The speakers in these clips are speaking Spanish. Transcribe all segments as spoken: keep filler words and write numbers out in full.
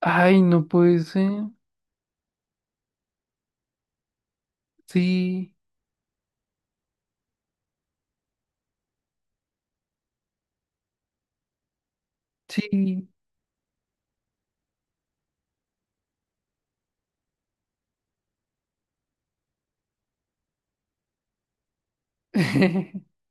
Ay, no puede ser. Sí, sí.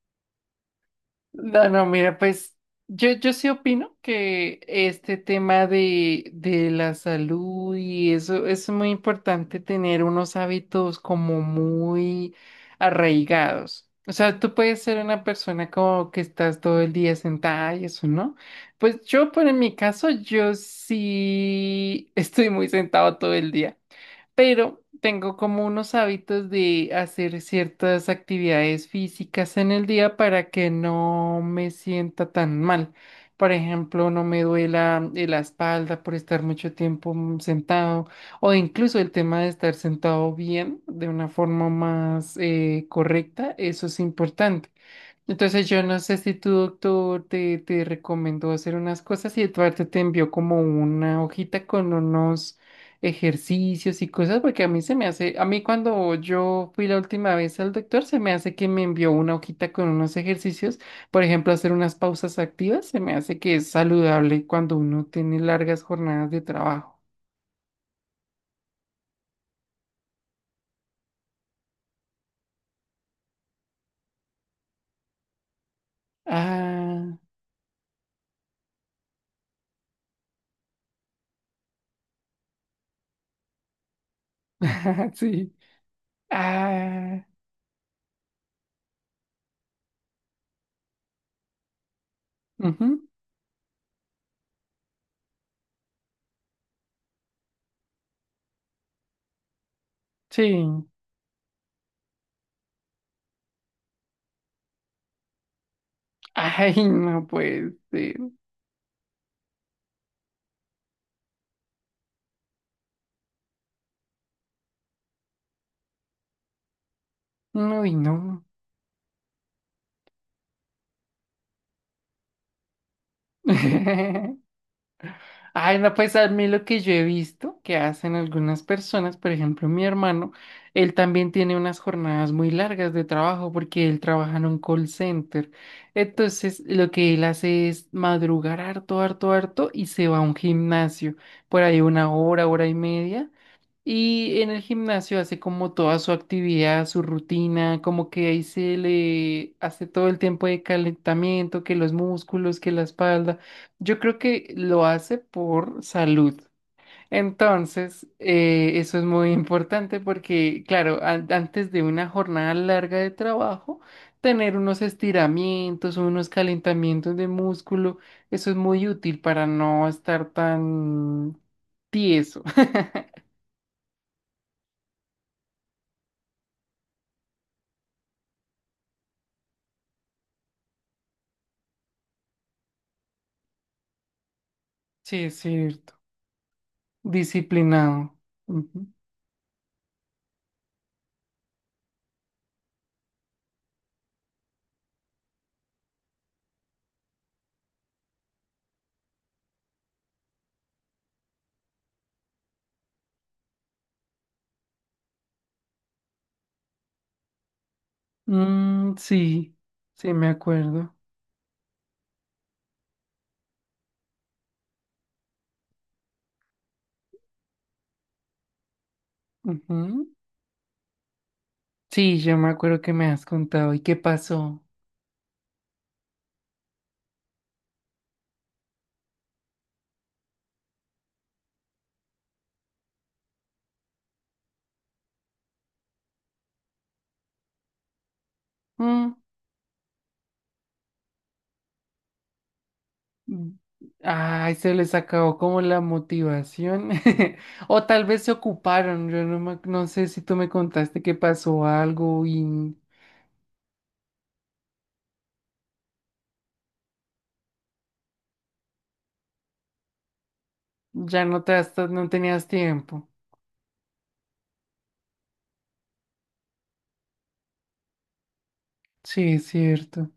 No, no, mira, pues yo, yo sí opino que este tema de, de la salud y eso es muy importante tener unos hábitos como muy arraigados. O sea, tú puedes ser una persona como que estás todo el día sentada y eso, ¿no? Pues yo, por en mi caso, yo sí estoy muy sentado todo el día. Pero tengo como unos hábitos de hacer ciertas actividades físicas en el día para que no me sienta tan mal. Por ejemplo, no me duela eh, la espalda por estar mucho tiempo mm, sentado, o incluso el tema de estar sentado bien de una forma más eh, correcta, eso es importante. Entonces yo no sé si tu doctor te, te recomendó hacer unas cosas y Eduardo te envió como una hojita con unos ejercicios y cosas, porque a mí se me hace, a mí cuando yo fui la última vez al doctor, se me hace que me envió una hojita con unos ejercicios, por ejemplo, hacer unas pausas activas, se me hace que es saludable cuando uno tiene largas jornadas de trabajo. Ah, sí. Ah, ujú, sí. Ay, no puede ser. No, y no. Ay, no, pues a mí lo que yo he visto que hacen algunas personas, por ejemplo, mi hermano, él también tiene unas jornadas muy largas de trabajo porque él trabaja en un call center. Entonces, lo que él hace es madrugar harto, harto, harto y se va a un gimnasio por ahí una hora, hora y media y en el gimnasio hace como toda su actividad, su rutina, como que ahí se le hace todo el tiempo de calentamiento, que los músculos, que la espalda. Yo creo que lo hace por salud. Entonces, eh, eso es muy importante porque, claro, an- antes de una jornada larga de trabajo, tener unos estiramientos, unos calentamientos de músculo, eso es muy útil para no estar tan tieso. Sí, es cierto. Disciplinado. Ujú. Mm, sí, sí, me acuerdo. Ujú. Sí, yo me acuerdo que me has contado. ¿Y qué pasó? Mm, mm. Ay, se les acabó como la motivación. O tal vez se ocuparon. Yo no, me- no sé si tú me contaste que pasó algo y ya no te hasta, no tenías tiempo. Sí, es cierto.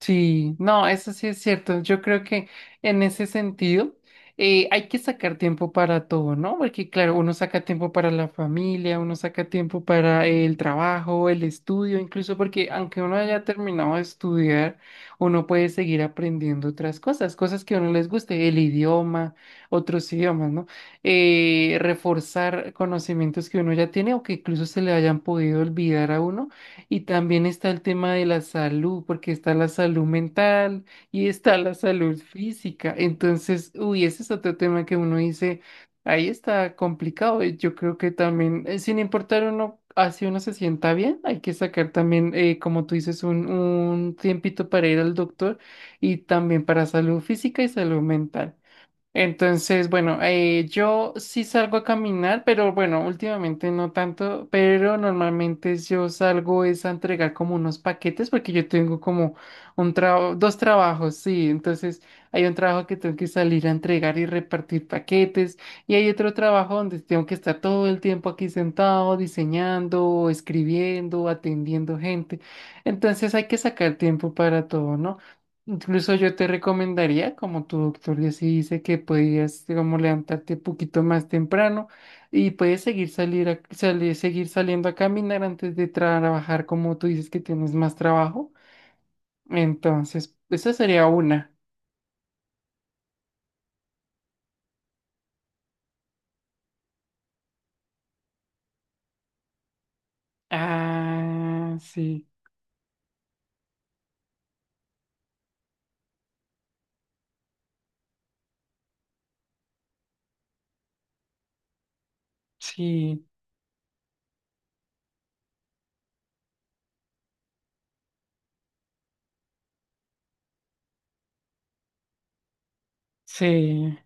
Sí, no, eso sí es cierto. Yo creo que en ese sentido eh, hay que sacar tiempo para todo, ¿no? Porque claro, uno saca tiempo para la familia, uno saca tiempo para el trabajo, el estudio, incluso porque aunque uno haya terminado de estudiar, uno puede seguir aprendiendo otras cosas, cosas que a uno les guste, el idioma, otros idiomas, ¿no? Eh, reforzar conocimientos que uno ya tiene o que incluso se le hayan podido olvidar a uno y también está el tema de la salud, porque está la salud mental y está la salud física. Entonces, uy, ese es otro tema que uno dice, ahí está complicado. Y yo creo que también, eh, sin importar uno, así uno se sienta bien, hay que sacar también, eh, como tú dices, un, un tiempito para ir al doctor y también para salud física y salud mental. Entonces, bueno, eh, yo sí salgo a caminar, pero bueno, últimamente no tanto, pero normalmente yo salgo es a entregar como unos paquetes porque yo tengo como un trabajo, dos trabajos, sí, entonces hay un trabajo que tengo que salir a entregar y repartir paquetes y hay otro trabajo donde tengo que estar todo el tiempo aquí sentado diseñando, escribiendo, atendiendo gente, entonces hay que sacar tiempo para todo, ¿no? Incluso yo te recomendaría, como tu doctor ya sí dice, que podías como levantarte un poquito más temprano y puedes seguir salir a- salir- seguir saliendo a caminar antes de trabajar, como tú dices que tienes más trabajo. Entonces, esa sería una. Ah, sí, sí, sí.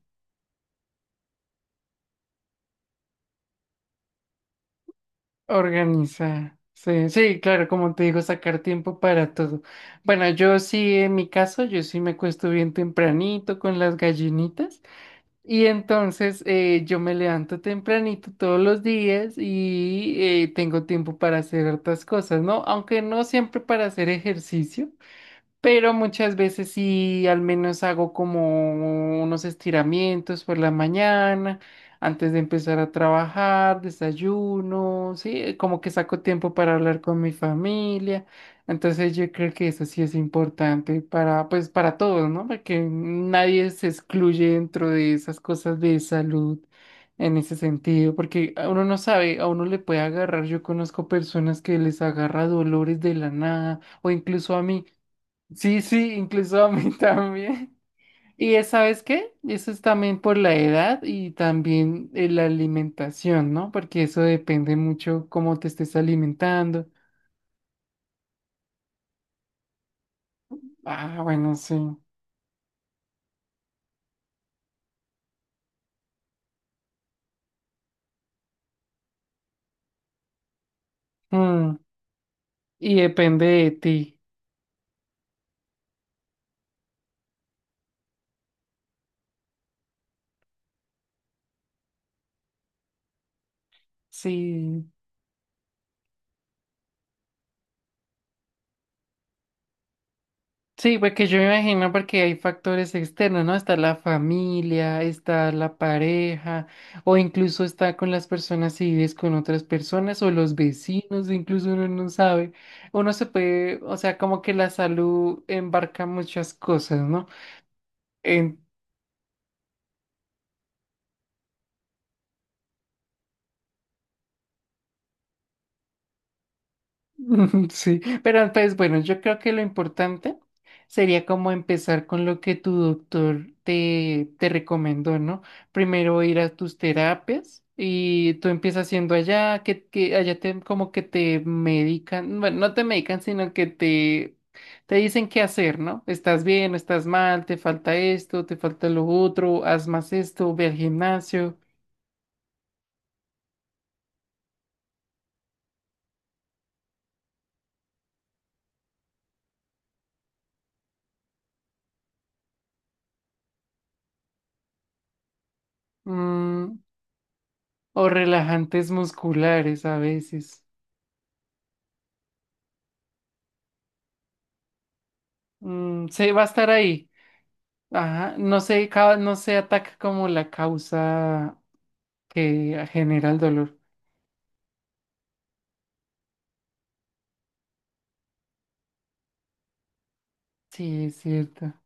Organiza. Sí, sí, claro, como te digo, sacar tiempo para todo. Bueno, yo sí, en mi caso, yo sí me acuesto bien tempranito con las gallinitas. Y entonces eh, yo me levanto tempranito todos los días y eh, tengo tiempo para hacer otras cosas, ¿no? Aunque no siempre para hacer ejercicio, pero muchas veces sí, al menos hago como unos estiramientos por la mañana, antes de empezar a trabajar, desayuno, sí, como que saco tiempo para hablar con mi familia. Entonces yo creo que eso sí es importante para, pues, para todos, ¿no? Porque nadie se excluye dentro de esas cosas de salud en ese sentido, porque a uno no sabe, a uno le puede agarrar. Yo conozco personas que les agarra dolores de la nada, o incluso a mí. Sí, sí, incluso a mí también. Y es, ¿sabes qué? Eso es también por la edad y también eh, la alimentación, ¿no? Porque eso depende mucho cómo te estés alimentando. Ah, bueno, sí. Mm, y depende de ti. Sí. Sí, porque yo me imagino porque hay factores externos, ¿no? Está la familia, está la pareja, o incluso está con las personas si vives con otras personas, o los vecinos, incluso uno no sabe. Uno se puede, o sea, como que la salud embarca muchas cosas, ¿no? Sí, pero pues bueno, yo creo que lo importante sería como empezar con lo que tu doctor te, te recomendó, ¿no? Primero ir a tus terapias y tú empiezas haciendo allá, que, que allá te, como que te medican, bueno, no te medican, sino que te, te dicen qué hacer, ¿no? Estás bien, estás mal, te falta esto, te falta lo otro, haz más esto, ve al gimnasio, mm, o relajantes musculares a veces. Mm, se va a estar ahí. Ajá, no se, ca- no se ataca como la causa que genera el dolor. Sí, es cierto.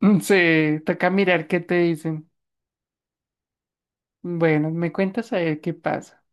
Mm, se toca mirar qué te dicen. Bueno, me cuentas a ver qué pasa.